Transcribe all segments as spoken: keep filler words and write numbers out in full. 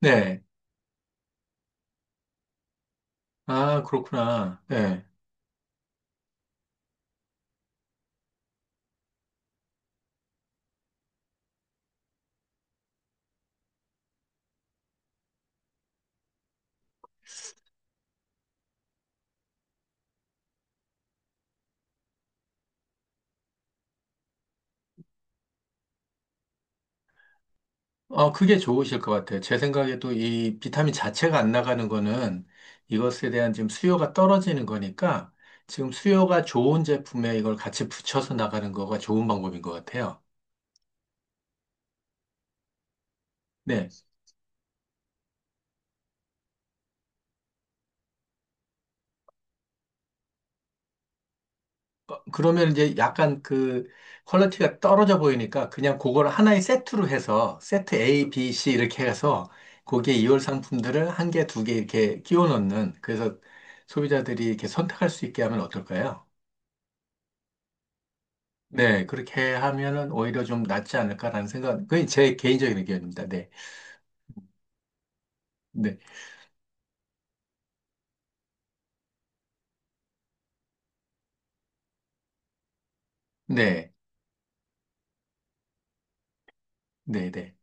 네. 아, 그렇구나. 네. 어, 그게 좋으실 것 같아요. 제 생각에도 이 비타민 자체가 안 나가는 거는 이것에 대한 지금 수요가 떨어지는 거니까 지금 수요가 좋은 제품에 이걸 같이 붙여서 나가는 거가 좋은 방법인 것 같아요. 네. 어, 그러면 이제 약간 그 퀄리티가 떨어져 보이니까 그냥 그걸 하나의 세트로 해서 세트 A, B, C 이렇게 해서 거기에 이월 상품들을 한 개, 두 개 이렇게 끼워 넣는 그래서 소비자들이 이렇게 선택할 수 있게 하면 어떨까요? 네, 그렇게 하면은 오히려 좀 낫지 않을까라는 생각, 그게 제 개인적인 의견입니다. 네, 네, 네, 네, 네,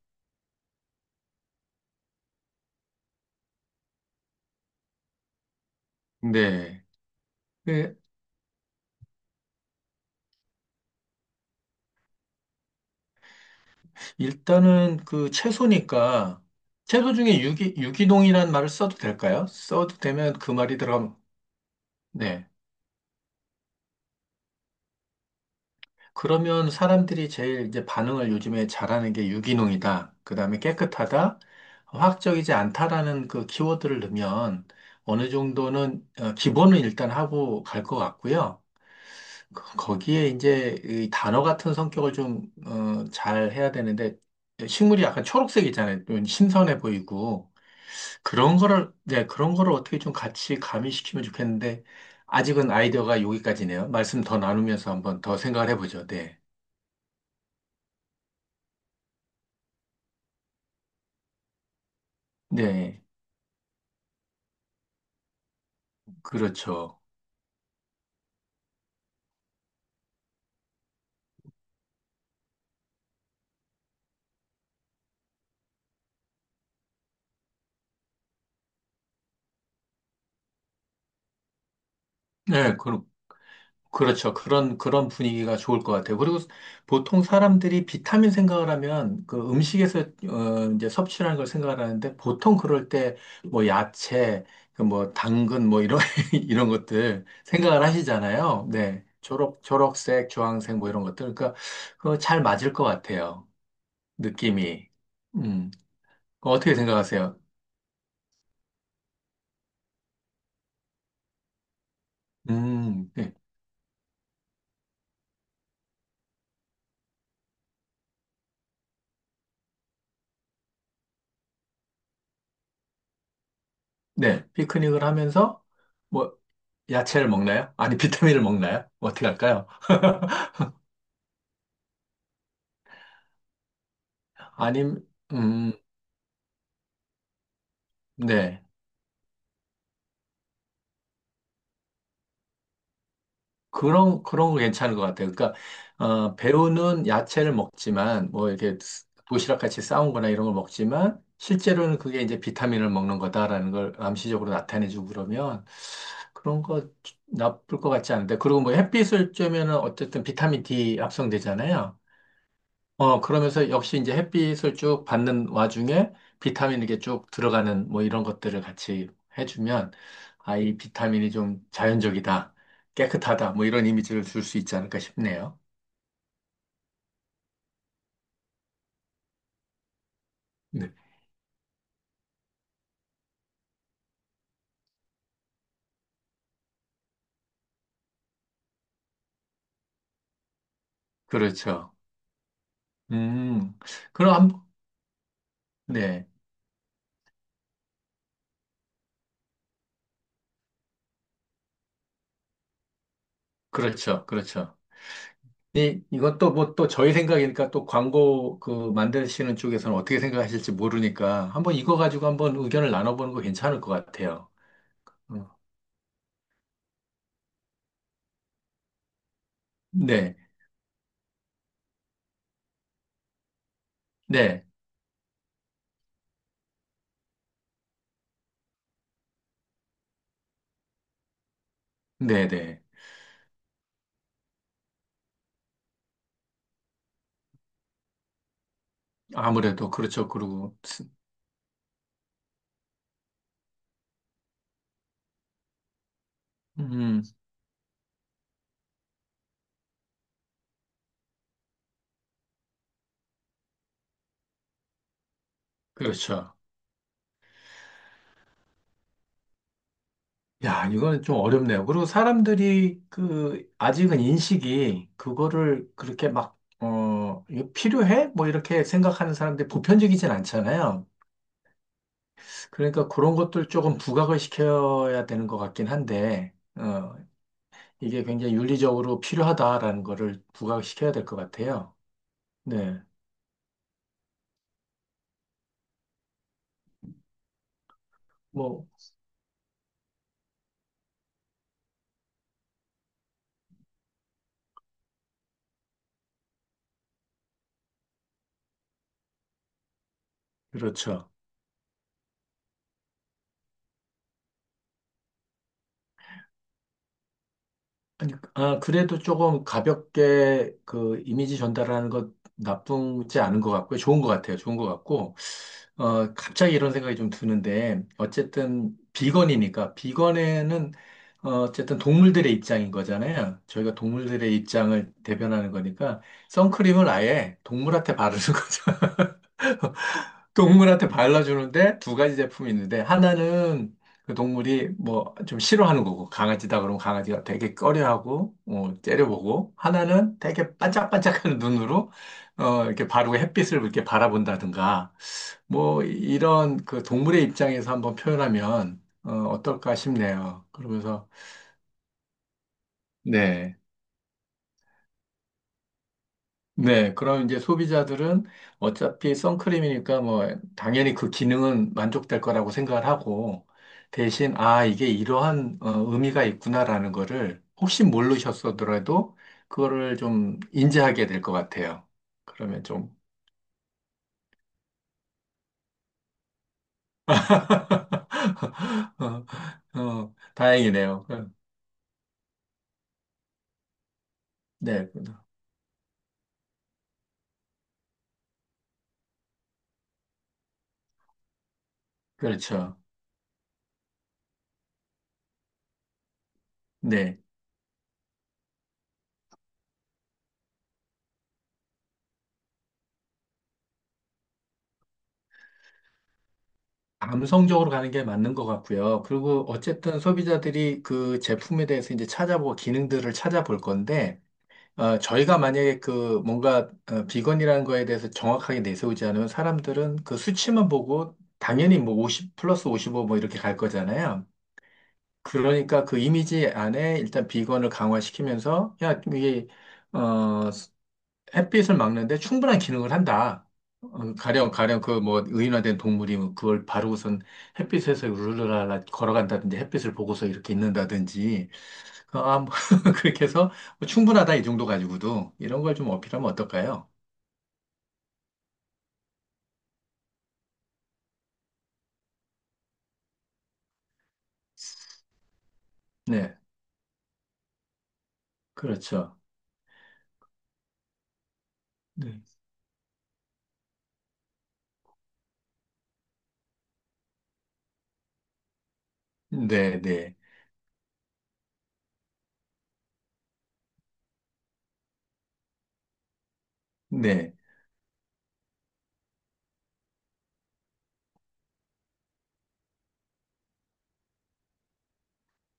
네. 그 일단은 그 채소니까, 채소 중에 유기, 유기농이라는 말을 써도 될까요? 써도 되면 그 말이 들어가면, 네. 그러면 사람들이 제일 이제 반응을 요즘에 잘하는 게 유기농이다, 그 다음에 깨끗하다, 화학적이지 않다라는 그 키워드를 넣으면 어느 정도는, 어, 기본은 일단 하고 갈 것 같고요. 거기에 이제 이 단어 같은 성격을 좀, 어, 잘 해야 되는데, 식물이 약간 초록색 있잖아요. 좀 신선해 보이고. 그런 거를, 네, 그런 거를 어떻게 좀 같이 가미시키면 좋겠는데, 아직은 아이디어가 여기까지네요. 말씀 더 나누면서 한번 더 생각을 해보죠. 네. 네. 그렇죠. 네. 그, 그렇죠. 그런, 그런 분위기가 좋을 것 같아요. 그리고 보통 사람들이 비타민 생각을 하면 그 음식에서 어, 이제 섭취하는 걸 생각을 하는데 보통 그럴 때 뭐 야채, 그뭐 당근 뭐 이런, 이런 것들 생각을 하시잖아요. 네. 초록, 초록색, 주황색 뭐 이런 것들. 그러니까 그거 잘 맞을 것 같아요. 느낌이. 음. 어떻게 생각하세요? 음. 네. 네. 피크닉을 하면서 뭐 야채를 먹나요? 아니, 비타민을 먹나요? 어떻게 할까요? 아님, 음, 네. 그런, 그런 거 괜찮은 것 같아요. 그러니까, 어, 배우는 야채를 먹지만, 뭐, 이렇게 도시락 같이 싸온 거나 이런 걸 먹지만, 실제로는 그게 이제 비타민을 먹는 거다라는 걸 암시적으로 나타내주고 그러면, 그런 거 나쁠 것 같지 않은데. 그리고 뭐 햇빛을 쬐면은 어쨌든 비타민 D 합성되잖아요. 어, 그러면서 역시 이제 햇빛을 쭉 받는 와중에 비타민 이렇게 쭉 들어가는 뭐 이런 것들을 같이 해주면 아, 이 비타민이 좀 자연적이다, 깨끗하다, 뭐 이런 이미지를 줄 수 있지 않을까 싶네요. 네. 그렇죠. 음, 그럼 한, 네. 그렇죠. 그렇죠. 이, 이건 또 뭐 또 저희 생각이니까 또 광고 그 만드시는 쪽에서는 어떻게 생각하실지 모르니까 한번 이거 가지고 한번 의견을 나눠보는 거 괜찮을 것 같아요. 어, 네. 네. 네. 네. 아무래도 그렇죠. 그리고 음, 그렇죠. 야, 이건 좀 어렵네요. 그리고 사람들이 그 아직은 인식이 그거를 그렇게 막 어, 이거 필요해? 뭐 이렇게 생각하는 사람들이 보편적이진 않잖아요. 그러니까 그런 것들 조금 부각을 시켜야 되는 것 같긴 한데, 어, 이게 굉장히 윤리적으로 필요하다라는 거를 부각시켜야 될 것 같아요. 네. 뭐, 그렇죠. 아니, 아, 그래도 조금 가볍게 그 이미지 전달하는 것 나쁘지 않은 것 같고요. 좋은 것 같아요. 좋은 것 같고, 어, 갑자기 이런 생각이 좀 드는데, 어쨌든 비건이니까, 비건에는 어, 어쨌든 동물들의 입장인 거잖아요. 저희가 동물들의 입장을 대변하는 거니까, 선크림을 아예 동물한테 바르는 거죠. 동물한테 발라주는데 두 가지 제품이 있는데 하나는 그 동물이 뭐 좀 싫어하는 거고 강아지다 그러면 강아지가 되게 꺼려하고 어, 째려보고 하나는 되게 반짝반짝하는 눈으로 어, 이렇게 바르고 햇빛을 이렇게 바라본다든가 뭐 이런 그 동물의 입장에서 한번 표현하면 어, 어떨까 싶네요. 그러면서 네. 네, 그럼 이제 소비자들은 어차피 선크림이니까 뭐 당연히 그 기능은 만족될 거라고 생각을 하고 대신 아, 이게 이러한 어, 의미가 있구나라는 거를 혹시 모르셨어더라도 그거를 좀 인지하게 될 것 같아요. 그러면 좀, 어, 어, 다행이네요. 네, 그렇죠. 네. 감성적으로 가는 게 맞는 것 같고요. 그리고 어쨌든 소비자들이 그 제품에 대해서 이제 찾아보고 기능들을 찾아볼 건데 아, 저희가 만약에 그 뭔가 어, 비건이라는 거에 대해서 정확하게 내세우지 않으면 사람들은 그 수치만 보고 당연히 뭐 오십 플러스 오십오 뭐 이렇게 갈 거잖아요. 그러니까 그 이미지 안에 일단 비건을 강화시키면서 야, 이게 어, 햇빛을 막는데 충분한 기능을 한다. 어, 가령 가령 그 뭐 의인화된 동물이 그걸 바르고선 햇빛에서 우르르라 걸어간다든지 햇빛을 보고서 이렇게 있는다든지 어, 아, 뭐 그렇게 해서 뭐 충분하다 이 정도 가지고도 이런 걸 좀 어필하면 어떨까요? 네, 그렇죠. 네, 네, 네, 네,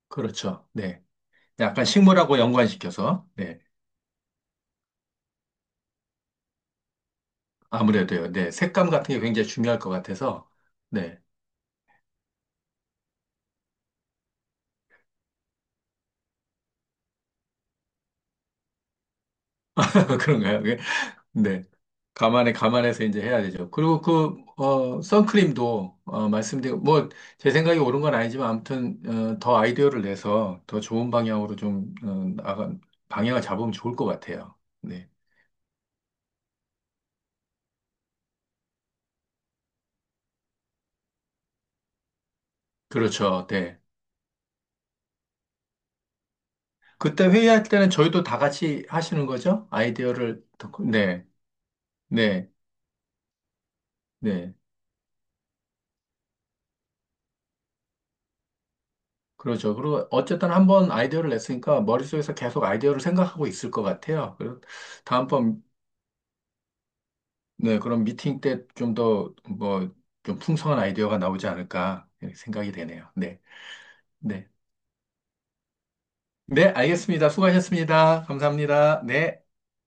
그렇죠. 네, 약간 식물하고 연관시켜서 네, 아무래도요. 네, 색감 같은 게 굉장히 중요할 것 같아서 네, 그런가요? 네. 감안해, 감안해서 이제 해야 되죠. 그리고 그, 어, 선크림도, 어, 말씀드린, 뭐, 제 생각이 옳은 건 아니지만, 아무튼, 어, 더 아이디어를 내서 더 좋은 방향으로 좀, 어, 나가, 방향을 잡으면 좋을 것 같아요. 네. 그렇죠. 네. 그때 회의할 때는 저희도 다 같이 하시는 거죠? 아이디어를, 듣고. 네. 네. 네. 그렇죠. 그리고 어쨌든 한 번 아이디어를 냈으니까 머릿속에서 계속 아이디어를 생각하고 있을 것 같아요. 그리고 다음번 네, 그럼 미팅 때 좀 더 뭐 좀 풍성한 아이디어가 나오지 않을까 이렇게 생각이 되네요. 네, 네, 네, 알겠습니다. 수고하셨습니다. 감사합니다. 네.